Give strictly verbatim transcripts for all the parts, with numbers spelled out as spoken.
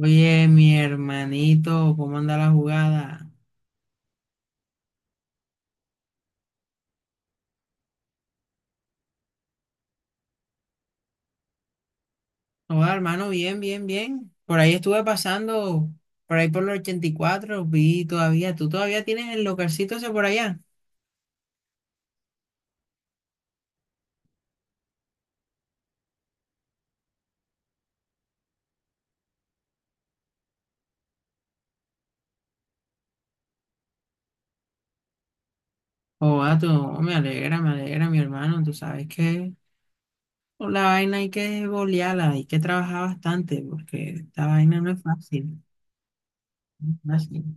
Oye, mi hermanito, ¿cómo anda la jugada? Hola, hermano, bien, bien, bien. Por ahí estuve pasando, por ahí por los ochenta y cuatro vi todavía, tú todavía tienes el localcito ese por allá. oh Joda, tú, me alegra, me alegra, mi hermano, tú sabes que con la vaina hay que bolearla, hay que trabajar bastante, porque esta vaina no es fácil. No es fácil.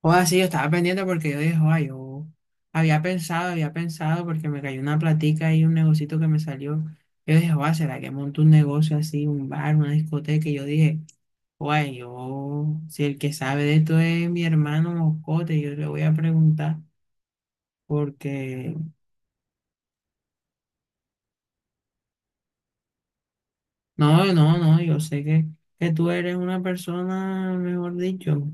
O así, yo estaba pendiente porque yo dije, ay, yo había pensado, había pensado porque me cayó una platica y un negocito que me salió. Yo dije, oa, ¿será que monto un negocio así, un bar, una discoteca? Y yo dije, oa, yo, si el que sabe de esto es mi hermano Moscote, yo le voy a preguntar porque, no, no, no, yo sé que, que tú eres una persona, mejor dicho.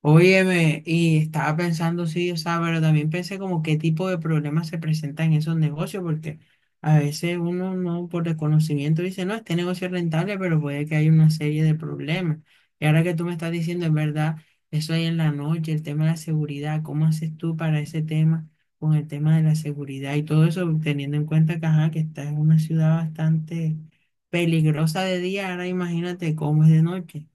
Óyeme, y estaba pensando, sí, o sea, pero también pensé como qué tipo de problemas se presentan en esos negocios, porque a veces uno no por desconocimiento dice, no, este negocio es rentable, pero puede que haya una serie de problemas. Y ahora que tú me estás diciendo, es verdad, eso ahí en la noche, el tema de la seguridad, ¿cómo haces tú para ese tema con el tema de la seguridad y todo eso, teniendo en cuenta que, ajá, que está en una ciudad bastante peligrosa de día, ahora imagínate cómo es de noche.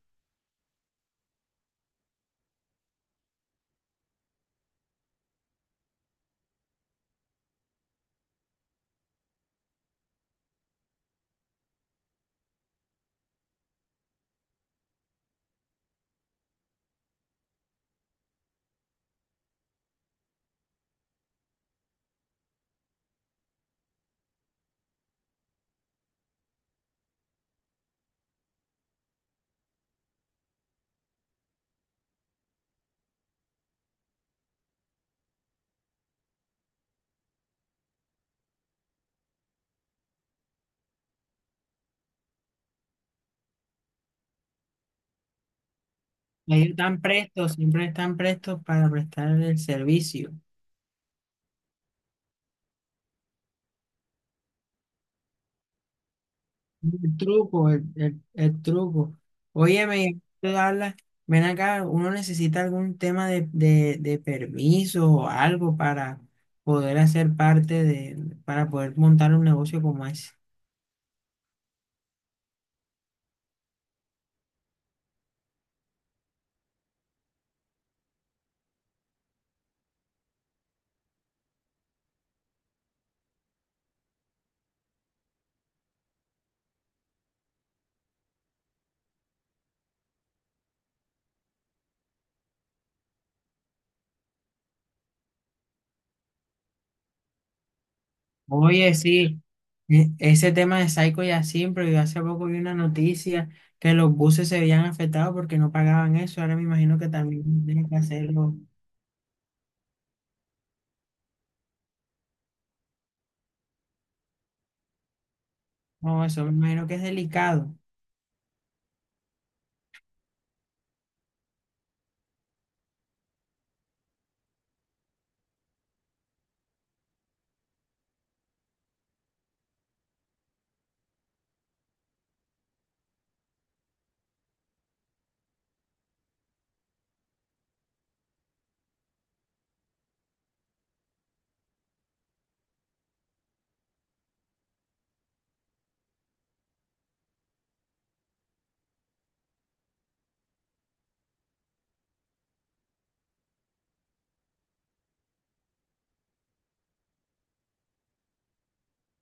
Ellos están prestos, siempre están prestos para prestar el servicio. El truco, el, el, el truco. Óyeme, tú hablas, ven acá, uno necesita algún tema de, de, de permiso o algo para poder hacer parte de, para poder montar un negocio como ese. Oye, sí, e- ese tema de Psycho ya siempre, yo hace poco vi una noticia que los buses se habían afectado porque no pagaban eso. Ahora me imagino que también tienen que hacerlo. No, eso me imagino que es delicado.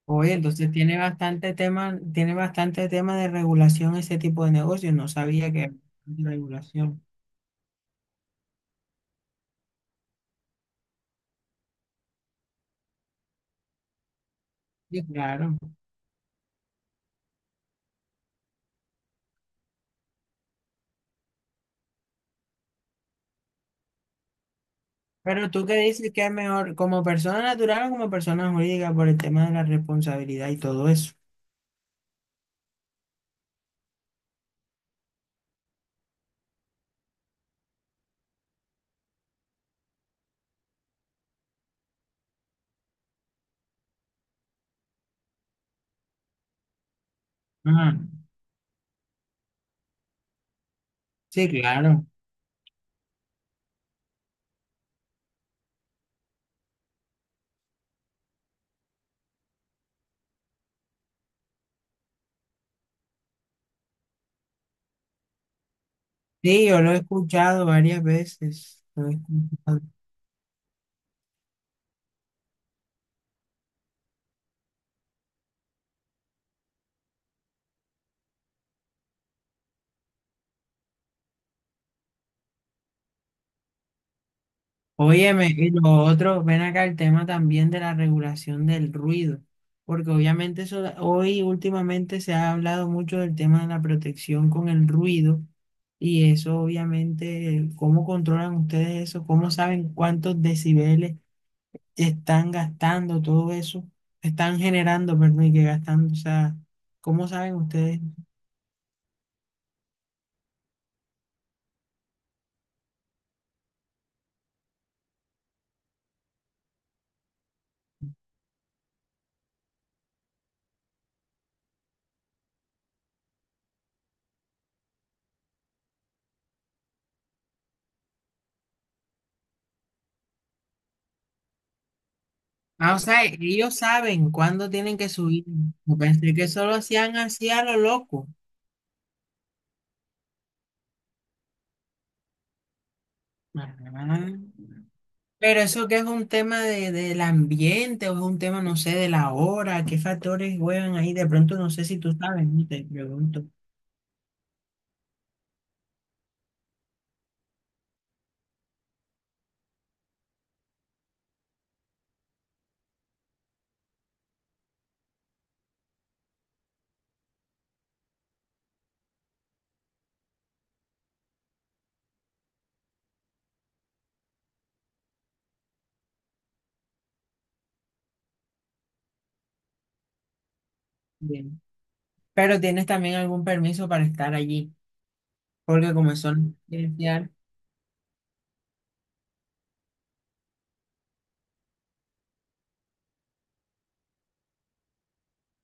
Oye, entonces tiene bastante tema, tiene bastante tema de regulación ese tipo de negocios. No sabía que había regulación. Sí, claro. Pero tú qué dices que es mejor, ¿como persona natural o como persona jurídica, por el tema de la responsabilidad y todo eso? Ah, sí, claro. Sí, yo lo he escuchado varias veces. Lo he escuchado. Óyeme, y lo otro, ven acá el tema también de la regulación del ruido, porque obviamente eso, hoy últimamente se ha hablado mucho del tema de la protección con el ruido y eso obviamente, ¿cómo controlan ustedes eso? ¿Cómo saben cuántos decibeles están gastando todo eso? Están generando, perdón, y que gastando, o sea, ¿cómo saben ustedes? Ah, o sea, ellos saben cuándo tienen que subir. Yo pensé que solo hacían así a lo loco. Ajá. Pero eso, ¿que es un tema de, del ambiente o es un tema, no sé, de la hora? ¿Qué factores juegan ahí? De pronto no sé si tú sabes, no te pregunto. Bien. Pero tienes también algún permiso para estar allí, porque como son,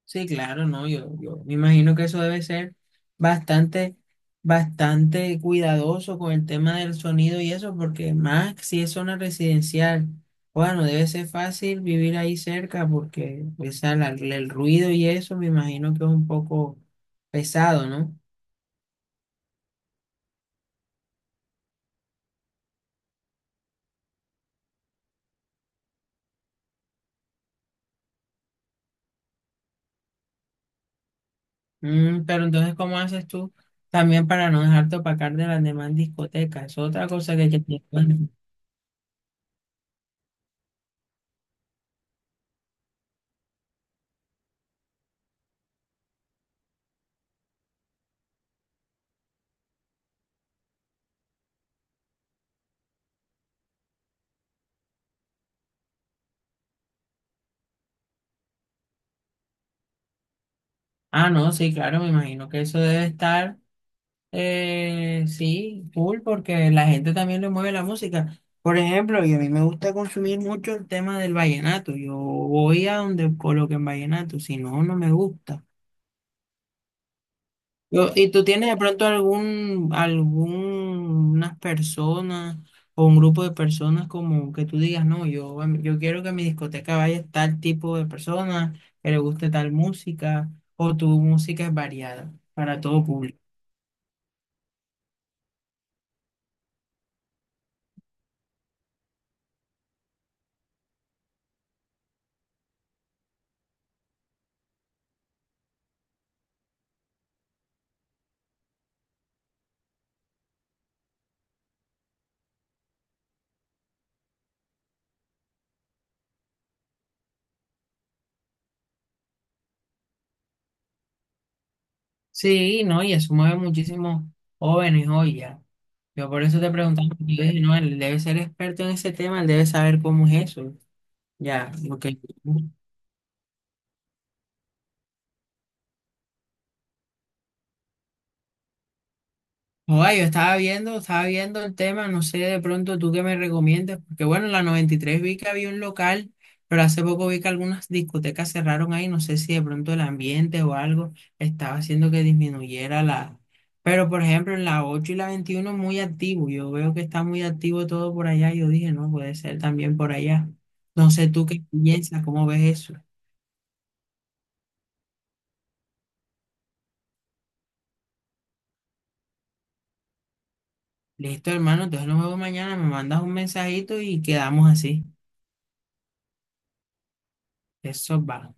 sí, claro, no, yo, yo me imagino que eso debe ser bastante, bastante cuidadoso con el tema del sonido y eso, porque más si es zona residencial, bueno, debe ser fácil vivir ahí cerca porque esa, la- la- el ruido y eso me imagino que es un poco pesado, ¿no? Mm, pero entonces, ¿cómo haces tú también para no dejarte opacar de las demás discotecas? Es otra cosa que hay que tener en cuenta. Ah, no, sí, claro, me imagino que eso debe estar. Eh, sí, cool, porque la gente también le mueve la música. Por ejemplo, y a mí me gusta consumir mucho el tema del vallenato. Yo voy a donde coloquen vallenato, si no, no me gusta. Yo- ¿y tú tienes de pronto algún, algunas personas o un grupo de personas como que tú digas, no, yo, em, yo quiero que a mi discoteca vaya tal tipo de personas, que le guste tal música, o tu música es variada para todo público? Sí, no, y eso mueve muchísimos jóvenes hoy ya. Yo por eso te preguntaba, porque yo dije, no, él debe ser experto en ese tema, él debe saber cómo es eso, ya, lo. Joder, yo estaba viendo, estaba viendo el tema, no sé de pronto tú qué me recomiendas, porque bueno, en la noventa y tres vi que había un local, pero hace poco vi que algunas discotecas cerraron ahí, no sé si de pronto el ambiente o algo estaba haciendo que disminuyera la... Pero por ejemplo, en la ocho y la veintiuno muy activo, yo veo que está muy activo todo por allá, yo dije, no, puede ser también por allá. No sé tú qué piensas, cómo ves eso. Listo, hermano, entonces nos vemos mañana, me mandas un mensajito y quedamos así. Eso va.